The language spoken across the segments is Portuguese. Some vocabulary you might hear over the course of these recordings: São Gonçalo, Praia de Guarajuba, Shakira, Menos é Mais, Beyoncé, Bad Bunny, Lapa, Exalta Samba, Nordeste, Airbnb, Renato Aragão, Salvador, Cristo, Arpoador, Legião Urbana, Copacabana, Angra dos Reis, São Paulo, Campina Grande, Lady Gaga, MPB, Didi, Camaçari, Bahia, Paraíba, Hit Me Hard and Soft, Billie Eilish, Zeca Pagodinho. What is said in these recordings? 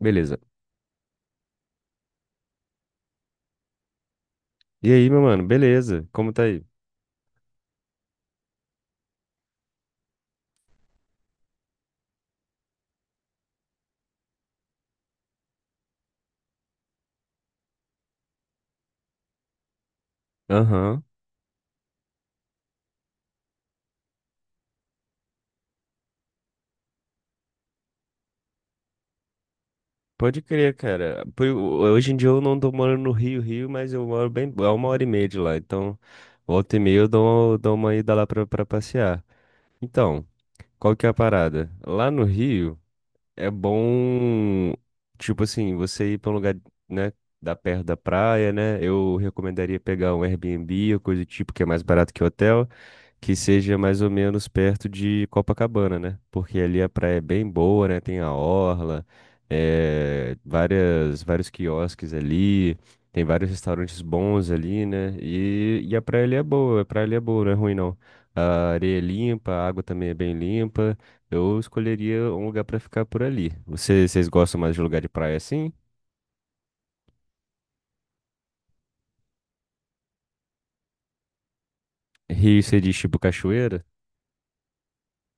Beleza. E aí, meu mano, beleza? Como tá aí? Aham. Pode crer, cara. Hoje em dia eu não tô morando no Rio, Rio, mas eu moro bem, é 1h30 de lá. Então, volta e meia eu dou uma ida lá pra passear. Então, qual que é a parada? Lá no Rio é bom, tipo assim, você ir pra um lugar, né, da perto da praia, né? Eu recomendaria pegar um Airbnb ou coisa do tipo, que é mais barato que hotel, que seja mais ou menos perto de Copacabana, né? Porque ali a praia é bem boa, né? Tem a orla, vários quiosques ali, tem vários restaurantes bons ali, né? E a praia ali é boa, a praia ali é boa, não é ruim não. A areia é limpa, a água também é bem limpa. Eu escolheria um lugar pra ficar por ali. Vocês gostam mais de lugar de praia assim? Rio seria tipo cachoeira?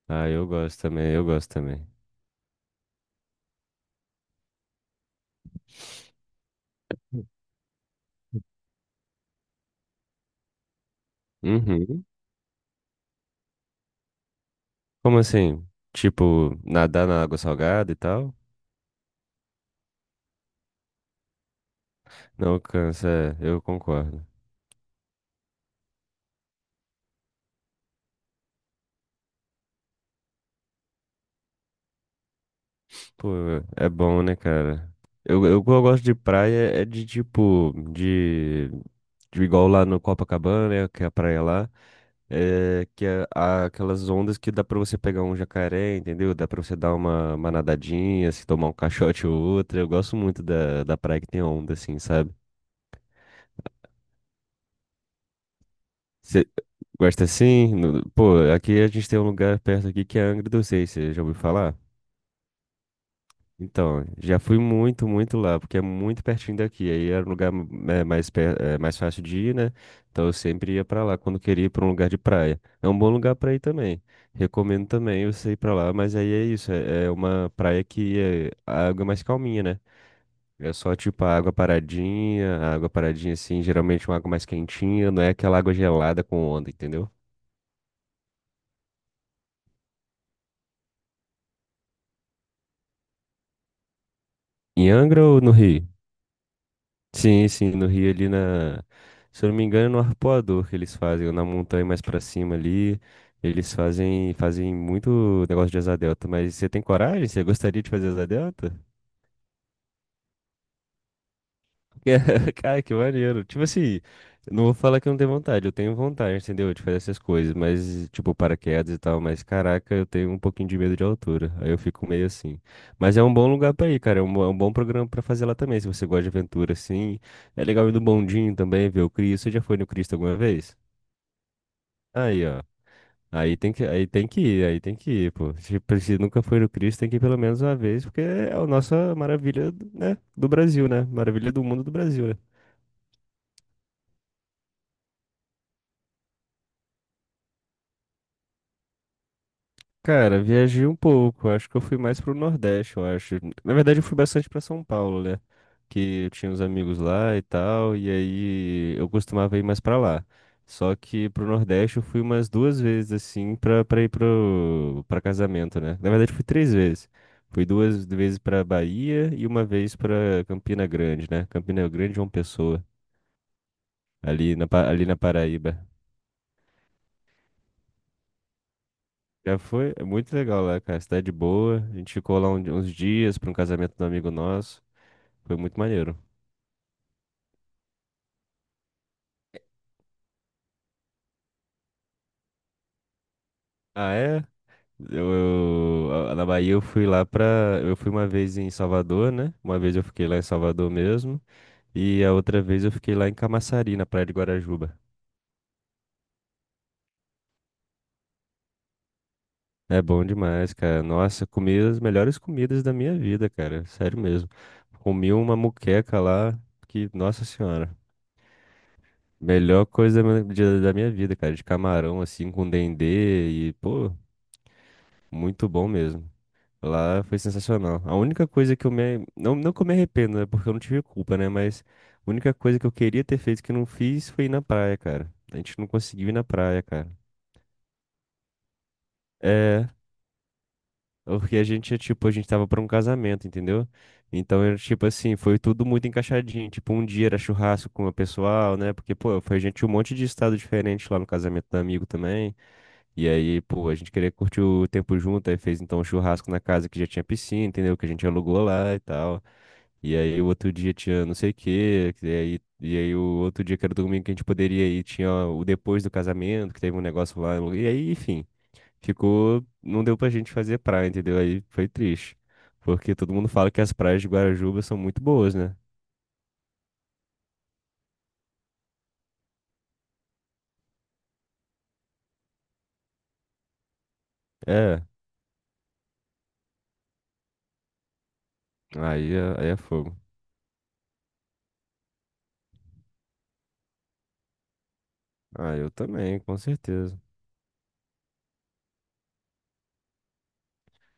Ah, eu gosto também, eu gosto também. Uhum. Como assim? Tipo, nadar na água salgada e tal? Não cansa, é, eu concordo. Pô, é bom, né, cara? Eu gosto de praia, é de tipo, de igual lá no Copacabana, né, que é a praia lá, é que é aquelas ondas que dá pra você pegar um jacaré, entendeu? Dá pra você dar uma nadadinha, se tomar um caixote ou outra. Eu gosto muito da praia que tem onda, assim, sabe? Você gosta assim? Pô, aqui a gente tem um lugar perto aqui que é Angra dos Reis, você já ouviu falar? Então, já fui muito, muito lá, porque é muito pertinho daqui. Aí era um lugar mais fácil de ir, né? Então eu sempre ia pra lá quando queria ir pra um lugar de praia. É um bom lugar pra ir também. Recomendo também você ir pra lá, mas aí é isso. É uma praia que é a água é mais calminha, né? É só tipo a água paradinha assim, geralmente uma água mais quentinha, não é aquela água gelada com onda, entendeu? Em Angra ou no Rio? Sim, sim, no Rio ali na. Se eu não me engano, é no Arpoador que eles fazem, ou na montanha mais pra cima ali. Eles fazem muito negócio de asa delta, mas você tem coragem? Você gostaria de fazer asa delta? Cara, que maneiro. Tipo assim, eu não vou falar que eu não tenho vontade, eu tenho vontade, entendeu? De fazer essas coisas, mas, tipo, paraquedas e tal, mas caraca, eu tenho um pouquinho de medo de altura. Aí eu fico meio assim. Mas é um bom lugar pra ir, cara. É um bom programa pra fazer lá também, se você gosta de aventura, assim. É legal ir no bondinho também, ver o Cristo. Você já foi no Cristo alguma vez? Aí, ó. Aí tem que ir, aí tem que ir, pô. Tipo, se nunca foi no Cristo, tem que ir pelo menos uma vez, porque é a nossa maravilha, né, do Brasil, né? Maravilha do mundo do Brasil, né? Cara, viajei um pouco. Acho que eu fui mais pro Nordeste, eu acho. Na verdade, eu fui bastante pra São Paulo, né? Que eu tinha uns amigos lá e tal, e aí eu costumava ir mais pra lá. Só que pro Nordeste eu fui umas duas vezes, assim, pra ir pra casamento, né? Na verdade, fui três vezes. Fui duas vezes pra Bahia e uma vez pra Campina Grande, né? Campina Grande é uma pessoa, ali na Paraíba. Já foi, é muito legal lá, cara. Cidade boa. A gente ficou lá uns dias para um casamento de um amigo nosso. Foi muito maneiro. Ah, é? Na Bahia eu fui lá pra. Eu fui uma vez em Salvador, né? Uma vez eu fiquei lá em Salvador mesmo. E a outra vez eu fiquei lá em Camaçari, na Praia de Guarajuba. É bom demais, cara. Nossa, comi as melhores comidas da minha vida, cara. Sério mesmo. Comi uma muqueca lá que, nossa senhora. Melhor coisa da minha vida, cara, de camarão assim com dendê e, pô, muito bom mesmo. Lá foi sensacional. A única coisa que eu me. Não, não que eu me arrependo, né? Porque eu não tive culpa, né? Mas a única coisa que eu queria ter feito que eu não fiz foi ir na praia, cara. A gente não conseguiu ir na praia, cara. É, porque a gente, é, tipo, a gente tava pra um casamento, entendeu? Então, era tipo assim, foi tudo muito encaixadinho. Tipo, um dia era churrasco com o pessoal, né? Porque, pô, foi gente de um monte de estado diferente lá no casamento do amigo também. E aí, pô, a gente queria curtir o tempo junto, aí fez então um churrasco na casa que já tinha piscina, entendeu? Que a gente alugou lá e tal. E aí o outro dia tinha não sei o quê, e aí o outro dia que era domingo que a gente poderia ir, tinha o depois do casamento, que teve um negócio lá, e aí, enfim, ficou, não deu pra gente fazer praia, entendeu? Aí foi triste, porque todo mundo fala que as praias de Guarajuba são muito boas, né? É, aí é fogo. Ah, eu também, com certeza.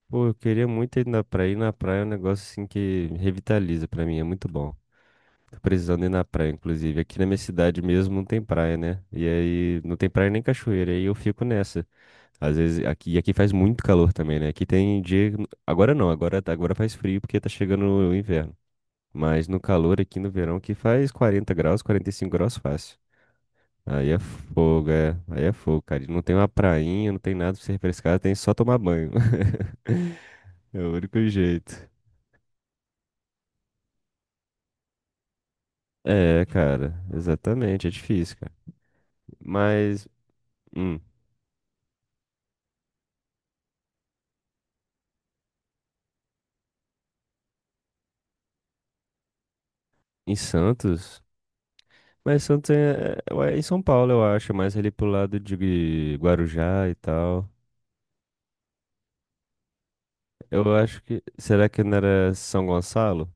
Pô, eu queria muito ir na praia. Ir na praia é um negócio assim que revitaliza pra mim, é muito bom. Tô precisando ir na praia, inclusive. Aqui na minha cidade mesmo não tem praia, né? E aí não tem praia nem cachoeira, aí eu fico nessa. Às vezes aqui, e aqui faz muito calor também, né? Aqui tem dia, agora não, agora faz frio porque tá chegando o inverno. Mas no calor aqui no verão que faz 40 graus, 45 graus fácil. Aí é fogo, é. Aí é fogo, cara. E não tem uma prainha, não tem nada pra se refrescar, tem só tomar banho. É o único jeito. É, cara, exatamente, é difícil, cara. Mas, hum, em Santos. Mas Santos é em São Paulo, eu acho, mais ali pro lado de Guarujá e tal. Eu acho que. Será que não era São Gonçalo?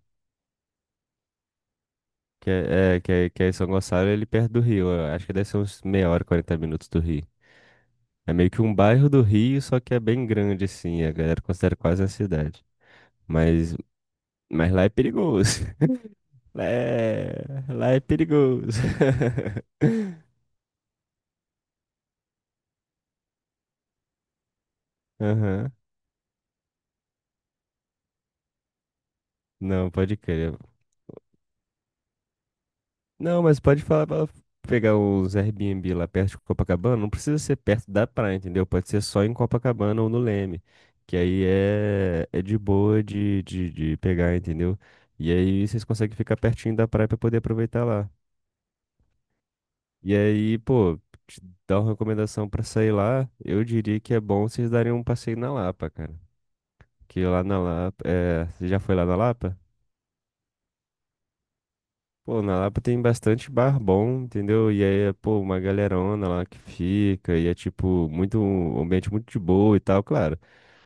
Que é, é, que é, que é em São Gonçalo, ele perto do Rio. Eu acho que deve ser uns meia hora, 40 minutos do Rio. É meio que um bairro do Rio, só que é bem grande, assim. A galera considera quase uma cidade. Mas, mas lá é perigoso. Lá é, lá é perigoso. Aham. Não, pode crer. Não, mas pode falar pra ela pegar os Airbnb lá perto de Copacabana. Não precisa ser perto da praia, entendeu? Pode ser só em Copacabana ou no Leme. Que aí é de boa de pegar, entendeu? E aí vocês conseguem ficar pertinho da praia pra poder aproveitar lá. E aí, pô, te dar uma recomendação pra sair lá, eu diria que é bom vocês darem um passeio na Lapa, cara. Que lá na Lapa, é, você já foi lá na Lapa? Pô, na Lapa tem bastante bar bom, entendeu? E aí é, pô, uma galerona lá que fica, e é, tipo, muito, um ambiente muito de boa e tal, claro.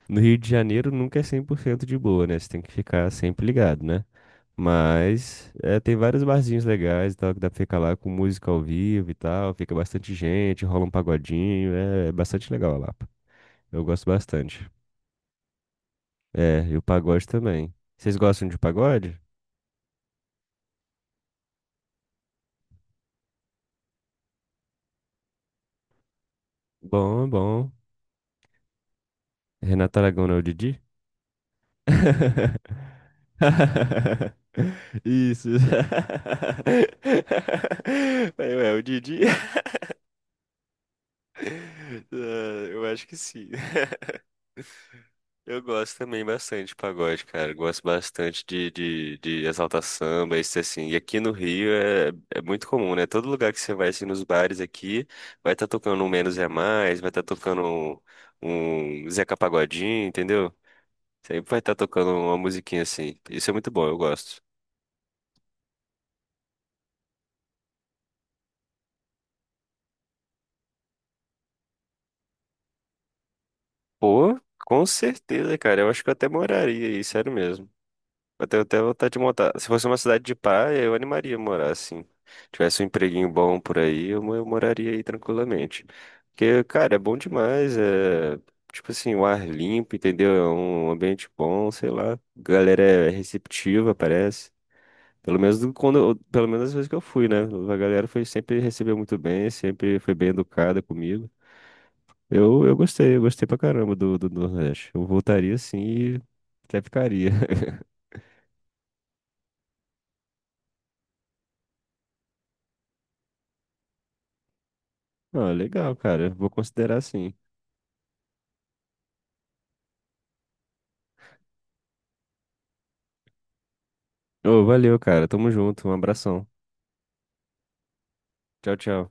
No Rio de Janeiro nunca é 100% de boa, né? Você tem que ficar sempre ligado, né? Mas é, tem vários barzinhos legais e tal, que dá pra ficar lá com música ao vivo e tal, fica bastante gente, rola um pagodinho, é bastante legal a Lapa. Eu gosto bastante. É, e o pagode também. Vocês gostam de pagode? Bom, bom. Renato Aragão não é o Didi? Isso. Aí, ué, o Didi. Ah, eu acho que sim. Eu gosto também bastante de pagode, cara. Gosto bastante de Exalta Samba, isso assim. E aqui no Rio é muito comum, né? Todo lugar que você vai, assim, nos bares aqui, vai estar tocando um Menos é Mais, vai estar tocando um Zeca Pagodinho, entendeu? Sempre vai estar tocando uma musiquinha assim. Isso é muito bom, eu gosto. Pô, com certeza, cara. Eu acho que eu até moraria aí, sério mesmo. Eu tenho até vontade de montar. Se fosse uma cidade de praia, eu animaria a morar, assim. Tivesse um empreguinho bom por aí, eu moraria aí tranquilamente. Porque, cara, é bom demais. É, tipo assim, o ar limpo, entendeu? É um ambiente bom, sei lá. A galera é receptiva, parece. Pelo menos as vezes que eu fui, né? A galera foi sempre recebeu muito bem, sempre foi bem educada comigo. Eu gostei, eu gostei pra caramba do Nordeste. Eu voltaria sim e até ficaria. Ah, legal, cara. Vou considerar sim. Ô, valeu, cara. Tamo junto. Um abração. Tchau, tchau.